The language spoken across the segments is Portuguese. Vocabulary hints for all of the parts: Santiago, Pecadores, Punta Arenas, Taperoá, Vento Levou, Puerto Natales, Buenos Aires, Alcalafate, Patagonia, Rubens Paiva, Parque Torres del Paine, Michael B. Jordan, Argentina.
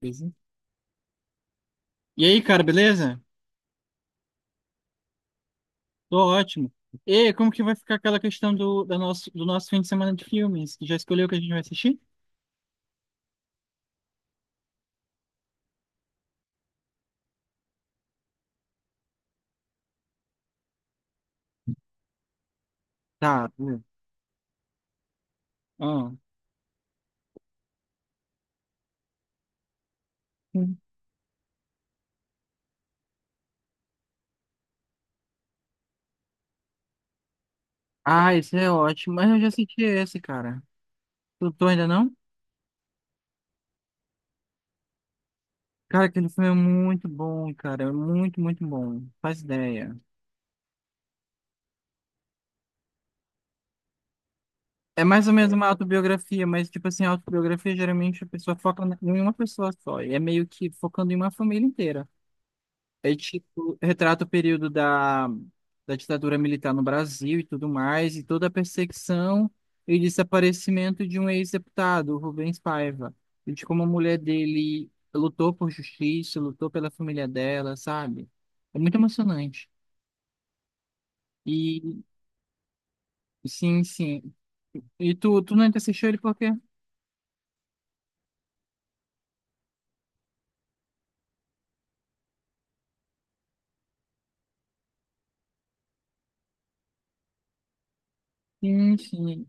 Beleza. E aí, cara, beleza? Tô ótimo. E como que vai ficar aquela questão do nosso fim de semana de filmes? Já escolheu o que a gente vai assistir? Tá, né? Ah. Hum. Ah, esse é ótimo. Mas eu já assisti esse, cara. Tu ainda não? Cara, aquele filme é muito bom, cara. É muito bom. Faz ideia. É mais ou menos uma autobiografia, mas, tipo assim, a autobiografia geralmente a pessoa foca em uma pessoa só. E é meio que focando em uma família inteira. É tipo, retrata o período da ditadura militar no Brasil e tudo mais, e toda a perseguição e desaparecimento de um ex-deputado, o Rubens Paiva. E de como a mulher dele lutou por justiça, lutou pela família dela, sabe? É muito emocionante. E sim, sim. E tu nunca assistiu ele por quê? Sim, sim.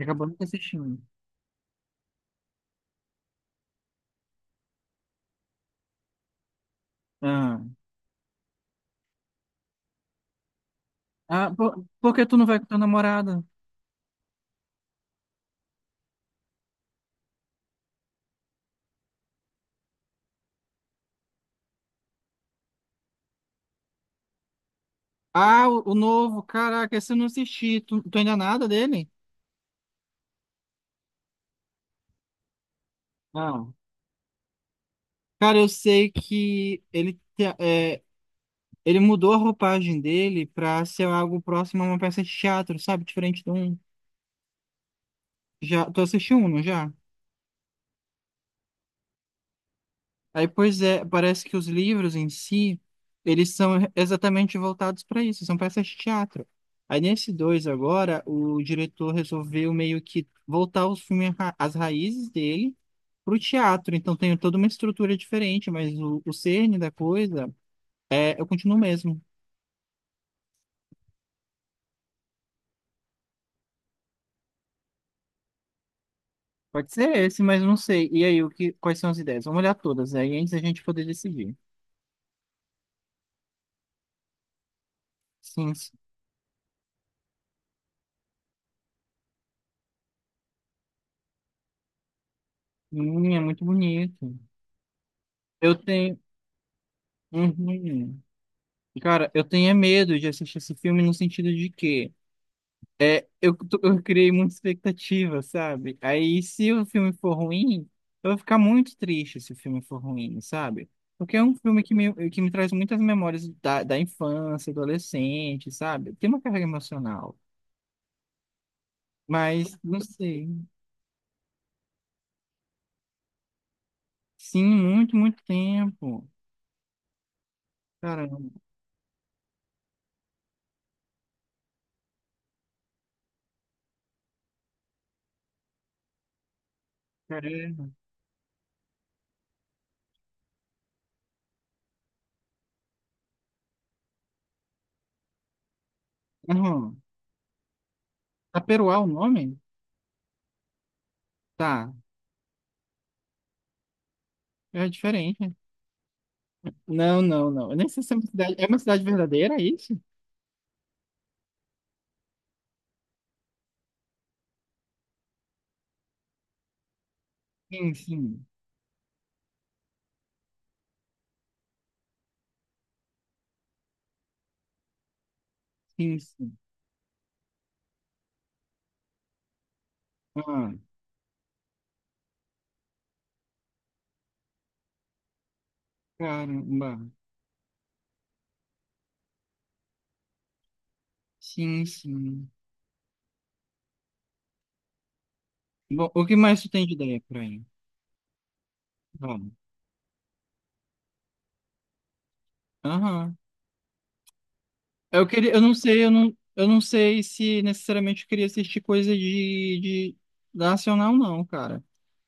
Acabou nunca assistindo. Ah, ah por que tu não vai com tua namorada? Ah, o novo, caraca, esse eu não assisti. Tu ainda nada dele? Ah, cara, eu sei que ele mudou a roupagem dele pra ser algo próximo a uma peça de teatro, sabe? Diferente de um. Já, tu assistiu um, não já? Aí, pois é, parece que os livros em si, eles são exatamente voltados para isso, são peças de teatro. Aí, nesse dois agora, o diretor resolveu meio que voltar os filmes, as raízes dele pro teatro. Então, tem toda uma estrutura diferente, mas o cerne da coisa é, eu continuo mesmo. Pode ser esse, mas não sei. E aí, quais são as ideias? Vamos olhar todas aí antes da gente poder decidir. Sim, sim. É muito bonito. Eu tenho. Uhum. Cara, eu tenho é medo de assistir esse filme no sentido de que eu criei muita expectativa, sabe? Aí, se o filme for ruim, eu vou ficar muito triste se o filme for ruim, sabe? Porque é um filme que que me traz muitas memórias da infância, adolescente, sabe? Tem uma carga emocional. Mas não sei. Sim, muito tempo. Caramba, caramba. Aham. Taperoá é o nome? Tá, é diferente. Não, não, não. Eu nem sei se é uma cidade. É uma cidade verdadeira, é isso? Sim, sim. Sim, sim. Ah, caramba. Sim, sim. Bom, o que mais tu tem de ideia por aí? Vamos. Aham. Eu queria, eu não sei, eu não sei se necessariamente eu queria assistir coisa de nacional, não, cara.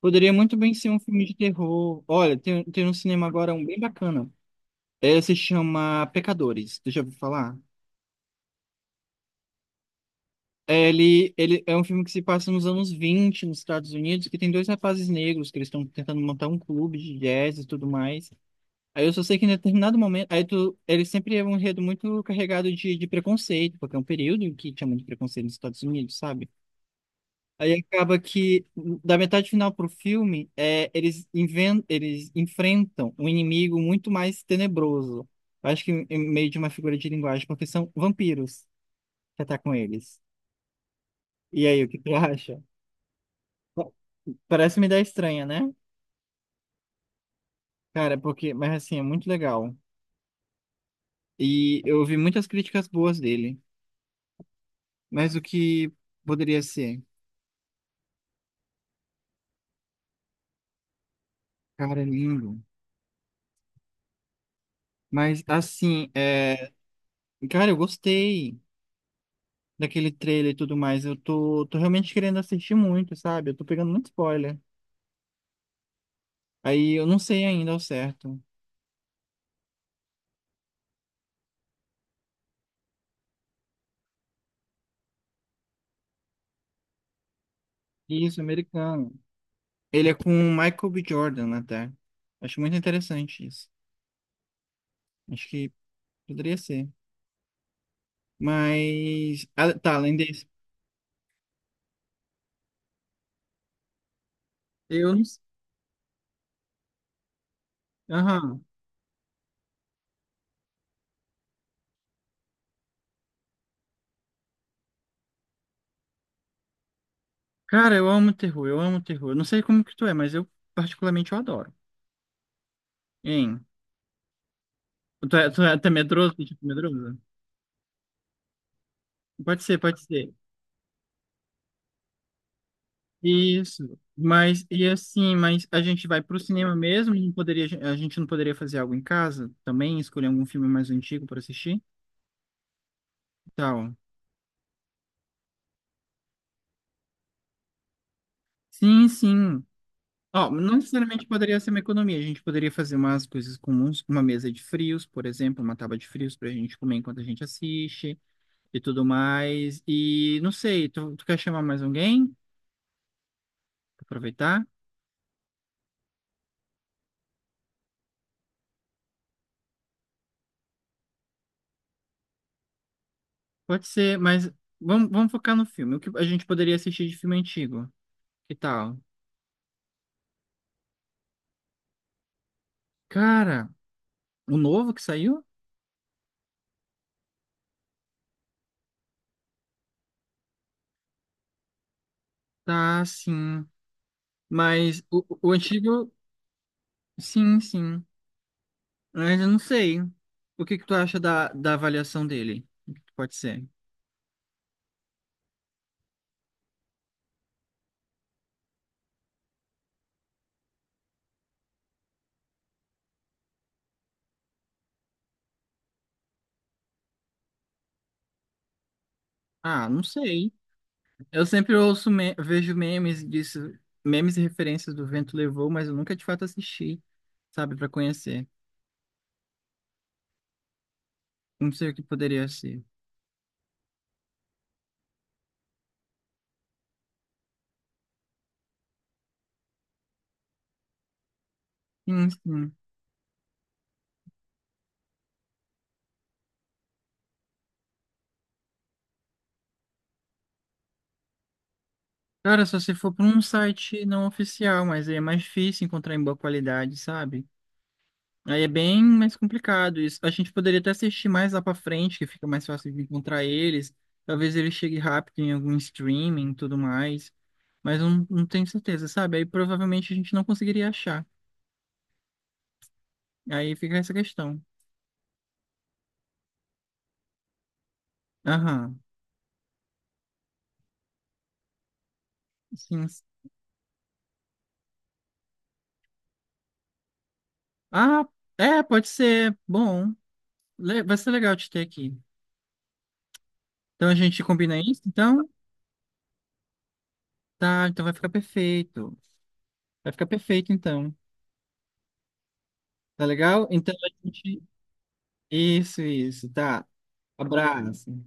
Poderia muito bem ser um filme de terror. Olha, tem um cinema agora um bem bacana. É, se chama Pecadores. Tu já eu falar. É, ele é um filme que se passa nos anos 20 nos Estados Unidos, que tem dois rapazes negros que eles estão tentando montar um clube de jazz e tudo mais. Aí eu só sei que em determinado momento, aí tu, ele sempre é um enredo muito carregado de preconceito, porque é um período em que chamam de preconceito nos Estados Unidos, sabe? Aí acaba que, da metade final pro filme, é, eles enfrentam um inimigo muito mais tenebroso. Acho que em meio de uma figura de linguagem, porque são vampiros que atacam eles. E aí, o que tu acha? Parece uma ideia estranha, né? Cara, porque, mas assim, é muito legal. E eu ouvi muitas críticas boas dele. Mas o que poderia ser? Cara, é lindo. Mas assim, é... cara, eu gostei daquele trailer e tudo mais. Eu tô realmente querendo assistir muito, sabe? Eu tô pegando muito spoiler. Aí eu não sei ainda ao certo. Isso, americano. Ele é com o Michael B. Jordan até. Acho muito interessante isso. Acho que poderia ser. Mas. Ah, tá, além desse. Eu não sei. Aham. Cara, eu amo terror, eu amo terror. Eu não sei como que tu é, mas eu particularmente eu adoro. Hein? Tu é até medroso? Tipo, medroso? Pode ser, pode ser. Isso, mas e assim, mas a gente vai pro cinema mesmo? A gente não poderia fazer algo em casa também? Escolher algum filme mais antigo para assistir? Tal. Sim, sim. Ó, não necessariamente poderia ser uma economia. A gente poderia fazer umas coisas comuns, uma mesa de frios, por exemplo, uma tábua de frios para a gente comer enquanto a gente assiste e tudo mais. E não sei, tu quer chamar mais alguém? Pra aproveitar? Pode ser, mas vamos focar no filme. O que a gente poderia assistir de filme antigo? Que tal? Cara. O novo que saiu? Tá, sim. Mas o antigo, sim, sim. Mas eu não sei. O que que tu acha da avaliação dele? O que que pode ser. Ah, não sei. Eu sempre ouço, vejo memes disso, memes e referências do Vento Levou, mas eu nunca de fato assisti, sabe, pra conhecer. Não sei o que poderia ser. Sim, sim. Cara, só se for pra um site não oficial, mas aí é mais difícil encontrar em boa qualidade, sabe? Aí é bem mais complicado isso. A gente poderia até assistir mais lá pra frente, que fica mais fácil de encontrar eles. Talvez ele chegue rápido em algum streaming e tudo mais. Mas eu não, não tenho certeza, sabe? Aí provavelmente a gente não conseguiria achar. Aí fica essa questão. Aham. Sim. Ah, é, pode ser. Bom, vai ser legal te ter aqui. Então a gente combina isso, então? Tá, então vai ficar perfeito. Vai ficar perfeito, então. Tá legal? Então a gente. Isso, tá. Abraço.